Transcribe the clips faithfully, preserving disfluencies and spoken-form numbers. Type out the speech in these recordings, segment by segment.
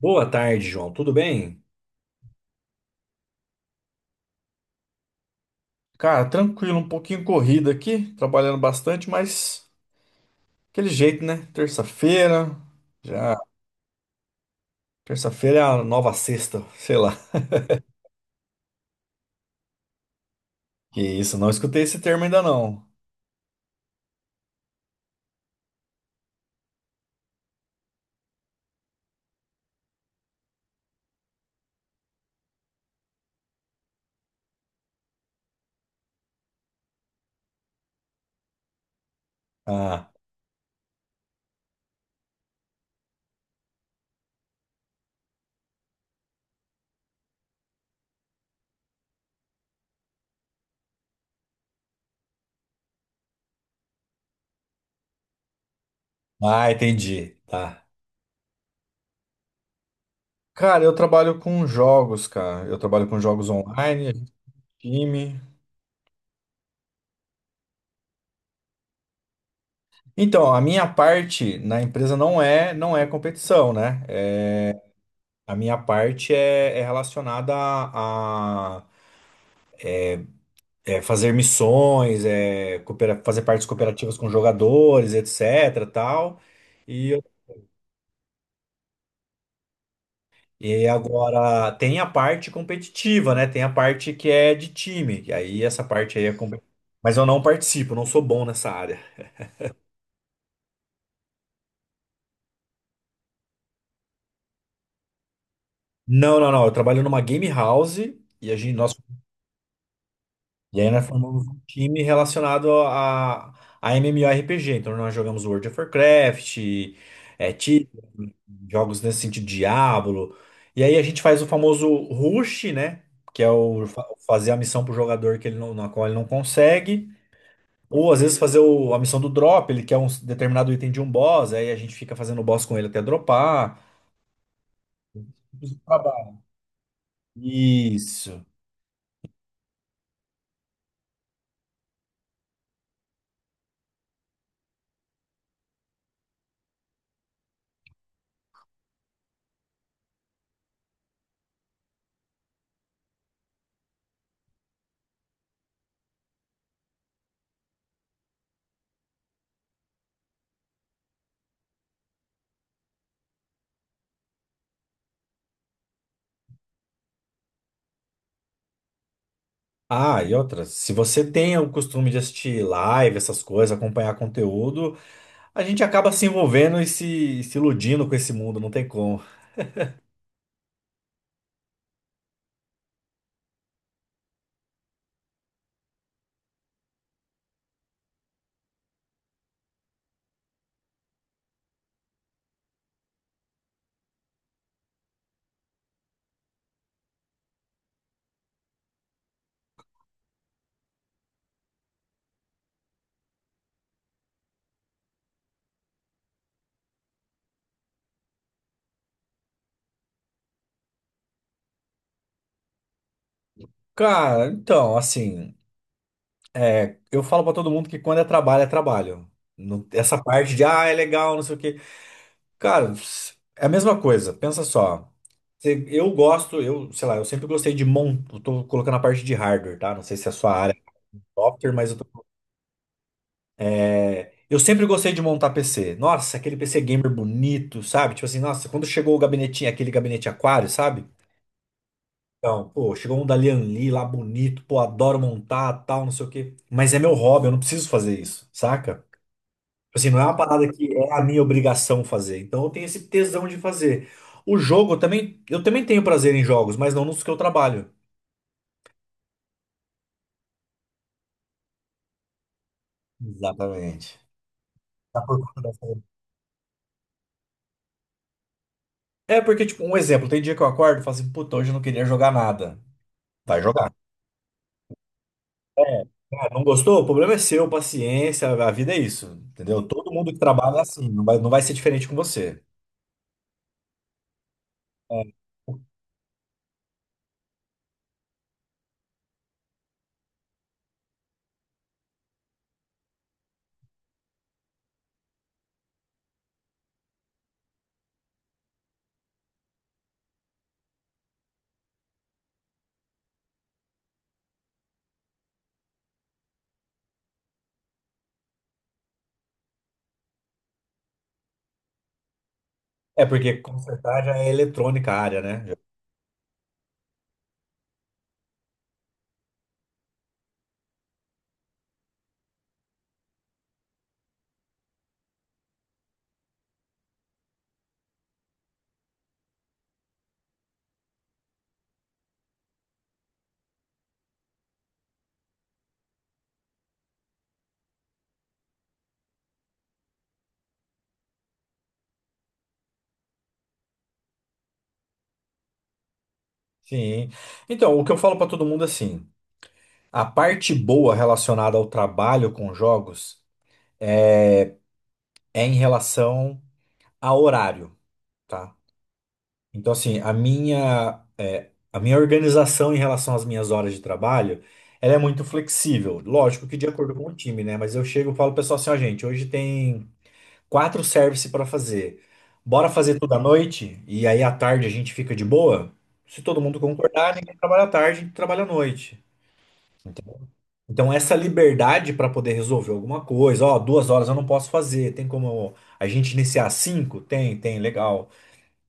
Boa tarde, João. Tudo bem? Cara, tranquilo, um pouquinho corrido aqui, trabalhando bastante, mas aquele jeito, né? Terça-feira, já. Terça-feira é a nova sexta, sei lá. Que isso, não escutei esse termo ainda não. Ah, ah, entendi. Tá. Cara, eu trabalho com jogos, cara. Eu trabalho com jogos online, time. Então, a minha parte na empresa não é, não é competição, né? É, a minha parte é, é relacionada a, é, fazer missões, é, coopera- fazer partes cooperativas com jogadores, etc, tal. E, eu- e agora tem a parte competitiva, né? Tem a parte que é de time. E aí essa parte aí é competitiva. Mas eu não participo, não sou bom nessa área. Não, não, não. Eu trabalho numa game house e a gente, nós. E aí nós formamos um time relacionado a, a M M O R P G. Então nós jogamos World of Warcraft, é, Titan, jogos nesse sentido, Diablo. E aí a gente faz o famoso rush, né? Que é o fa- fazer a missão pro jogador que ele não, na qual ele não consegue. Ou às vezes fazer o- a missão do drop, ele quer um determinado item de um boss, aí a gente fica fazendo o boss com ele até dropar. Isso. Ah, e outra, se você tem o costume de assistir live, essas coisas, acompanhar conteúdo, a gente acaba se envolvendo e se, se iludindo com esse mundo, não tem como. Cara, então, assim, é, eu falo pra todo mundo que quando é trabalho, é trabalho. Não- essa parte de, ah, é legal, não sei o quê. Cara, é a mesma coisa, pensa só. Cê- Eu gosto, eu, sei lá, eu sempre gostei de montar, tô colocando a parte de hardware, tá? Não sei se é a sua área, software, mas eu tô. É, eu sempre gostei de montar P C. Nossa, aquele P C gamer bonito, sabe? Tipo assim, nossa, quando chegou o gabinetinho, aquele gabinete aquário, sabe? Então, pô, chegou um da Lianli lá bonito, pô, adoro montar, tal, não sei o quê. Mas é meu hobby, eu não preciso fazer isso, saca? Tipo assim, não é uma parada que é a minha obrigação fazer. Então eu tenho esse tesão de fazer. O jogo eu também, eu também tenho prazer em jogos, mas não nos que eu trabalho. Exatamente. Tá por conta da saúde. É porque, tipo, um exemplo, tem dia que eu acordo e falo assim, puta, hoje eu não queria jogar nada. Vai jogar. Ah, não gostou? O problema é seu, paciência, a vida é isso, entendeu? Todo mundo que trabalha é assim, não vai, não vai ser diferente com você. É, é porque consertar já é eletrônica a área, né? Já-. Sim. Então, o que eu falo para todo mundo é assim, a parte boa relacionada ao trabalho com jogos é em relação a horário, tá? Então, assim, a minha, é, a minha organização em relação às minhas horas de trabalho, ela é muito flexível. Lógico que de acordo com o time, né? Mas eu chego e falo pro pessoal assim, ó, gente, hoje tem quatro service para fazer. Bora fazer tudo à noite e aí à tarde a gente fica de boa? Se todo mundo concordar, ninguém trabalha à tarde, trabalha à noite. Entendeu? Então, essa liberdade para poder resolver alguma coisa, ó, duas horas eu não posso fazer, tem como a gente iniciar às cinco? Tem, tem, legal.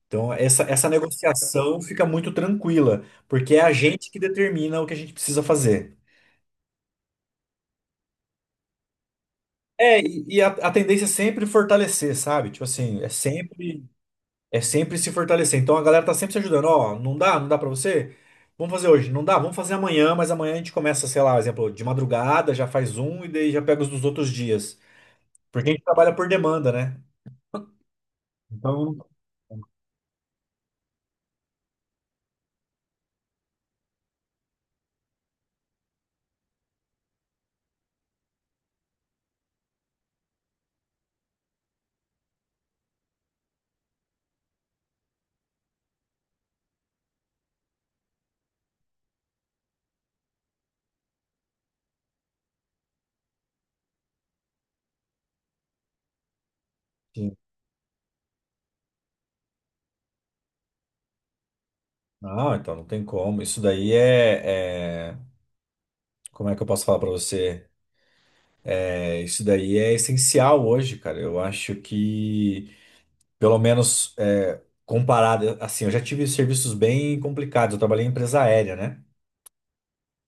Então, essa, essa negociação fica muito tranquila, porque é a gente que determina o que a gente precisa fazer. É, e, e a, a tendência é sempre fortalecer, sabe? Tipo assim, é sempre. É sempre se fortalecer. Então a galera tá sempre se ajudando. Ó, não dá? Não dá pra você? Vamos fazer hoje. Não dá? Vamos fazer amanhã, mas amanhã a gente começa, sei lá, exemplo, de madrugada, já faz um e daí já pega os dos outros dias. Porque a gente trabalha por demanda, né? Então, sim. Não, então não tem como. Isso daí é, é- como é que eu posso falar pra você? É, isso daí é essencial hoje, cara. Eu acho que, pelo menos é, comparado, assim, eu já tive serviços bem complicados. Eu trabalhei em empresa aérea, né?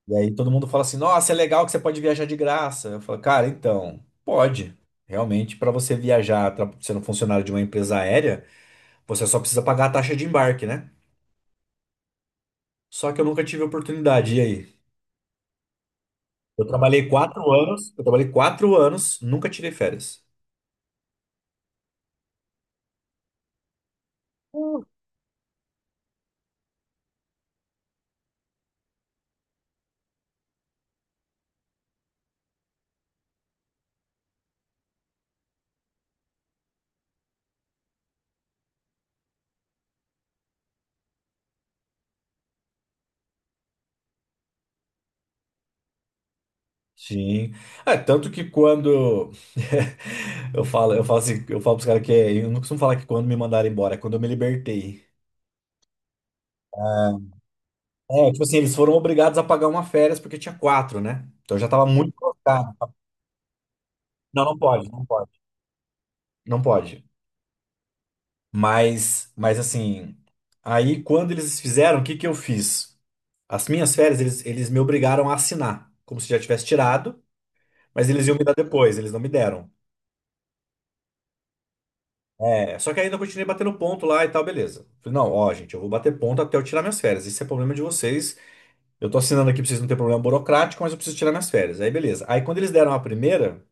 E aí todo mundo fala assim: nossa, é legal que você pode viajar de graça. Eu falo, cara, então, pode. Realmente, para você viajar tra- sendo funcionário de uma empresa aérea, você só precisa pagar a taxa de embarque, né? Só que eu nunca tive oportunidade. E aí? Eu trabalhei quatro anos, eu trabalhei quatro anos, nunca tirei férias. Sim. É, tanto que quando eu falo, eu falo assim, eu falo pros caras que é- eu não costumo falar que quando me mandaram embora, é quando eu me libertei. É, tipo assim, eles foram obrigados a pagar uma férias porque tinha quatro, né? Então eu já tava muito. Não, não pode, não pode. Não pode. Mas, mas assim, aí quando eles fizeram, o que que eu fiz? As minhas férias, eles, eles me obrigaram a assinar, como se já tivesse tirado, mas eles iam me dar depois, eles não me deram. É, só que ainda eu continuei batendo ponto lá e tal, beleza. Falei, não, ó, gente, eu vou bater ponto até eu tirar minhas férias. Isso é problema de vocês. Eu tô assinando aqui pra vocês não terem problema burocrático, mas eu preciso tirar minhas férias. Aí, beleza. Aí, quando eles deram a primeira,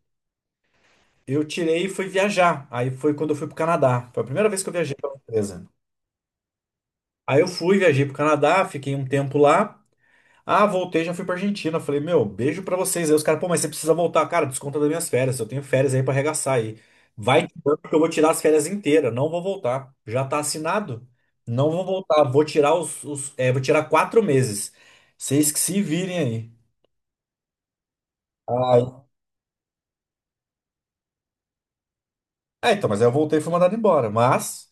eu tirei e fui viajar. Aí foi quando eu fui pro Canadá. Foi a primeira vez que eu viajei pra uma empresa. Aí eu fui, viajei pro Canadá, fiquei um tempo lá. Ah, voltei, já fui pra Argentina. Falei, meu, beijo pra vocês. Aí os caras, pô, mas você precisa voltar. Cara, desconta das minhas férias. Eu tenho férias aí pra arregaçar aí. Vai tirando que eu vou tirar as férias inteiras. Não vou voltar. Já tá assinado. Não vou voltar. Vou tirar os, os- é, vou tirar quatro meses. Vocês que se virem aí. Aí-. É, então, mas aí eu voltei e fui mandado embora. Mas.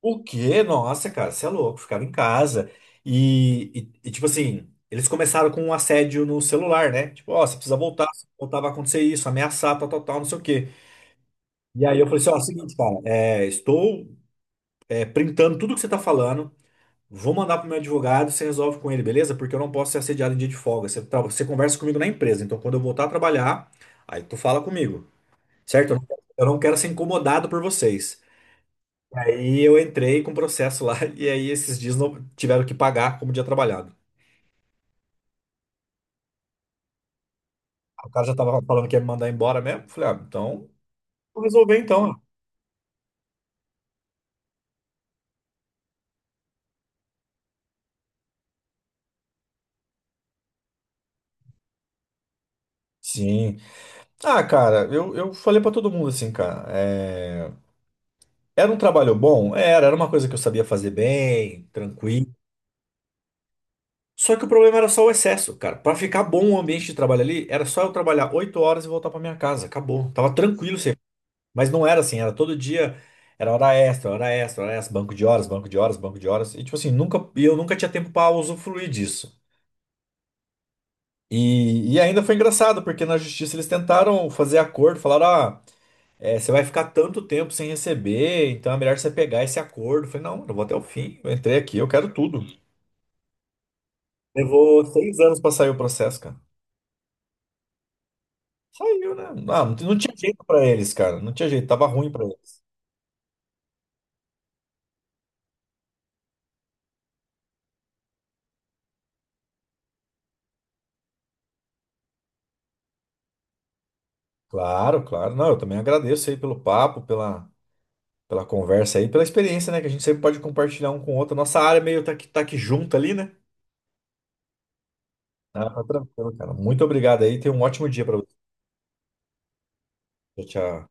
O quê? Nossa, cara, você é louco, ficava em casa. E, e- e, tipo assim, eles começaram com um assédio no celular, né? Tipo, ó, você precisa voltar, se não voltar vai acontecer isso, ameaçar, tal, tal, tal, não sei o quê. E aí eu falei assim, ó, seguinte, cara, é, estou é, printando tudo que você tá falando, vou mandar pro meu advogado, você resolve com ele, beleza? Porque eu não posso ser assediado em dia de folga. Você, tra- você conversa comigo na empresa, então quando eu voltar a trabalhar, aí tu fala comigo, certo? Eu não, eu não quero ser incomodado por vocês. Aí eu entrei com processo lá e aí esses dias não tiveram que pagar como dia trabalhado. O cara já tava falando que ia me mandar embora mesmo. Falei, ah, então vou resolver então. Sim. Ah, cara, eu, eu falei pra todo mundo assim, cara. É, era um trabalho bom? Era, era uma coisa que eu sabia fazer bem, tranquilo. Só que o problema era só o excesso, cara. Pra ficar bom o ambiente de trabalho ali, era só eu trabalhar oito horas e voltar pra minha casa. Acabou. Tava tranquilo. Mas não era assim, era todo dia, era hora extra, hora extra, hora extra, banco de horas, banco de horas, banco de horas. E tipo assim, nunca, e eu nunca tinha tempo para usufruir disso. E, e ainda foi engraçado, porque na justiça eles tentaram fazer acordo, falaram, ah, é, você vai ficar tanto tempo sem receber, então é melhor você pegar esse acordo. Eu falei, não, eu vou até o fim, eu entrei aqui, eu quero tudo. Levou seis anos para sair o processo, cara. Saiu, né? Ah, não, não tinha jeito para eles, cara, não tinha jeito, tava ruim para eles. Claro, claro. Não, eu também agradeço aí pelo papo, pela pela conversa aí, pela experiência, né? Que a gente sempre pode compartilhar um com o outro. Nossa área é meio tá que, tá que junto ali, né? Ah, tá tranquilo, cara. Muito obrigado aí. Tenha um ótimo dia pra você. Tchau, tchau.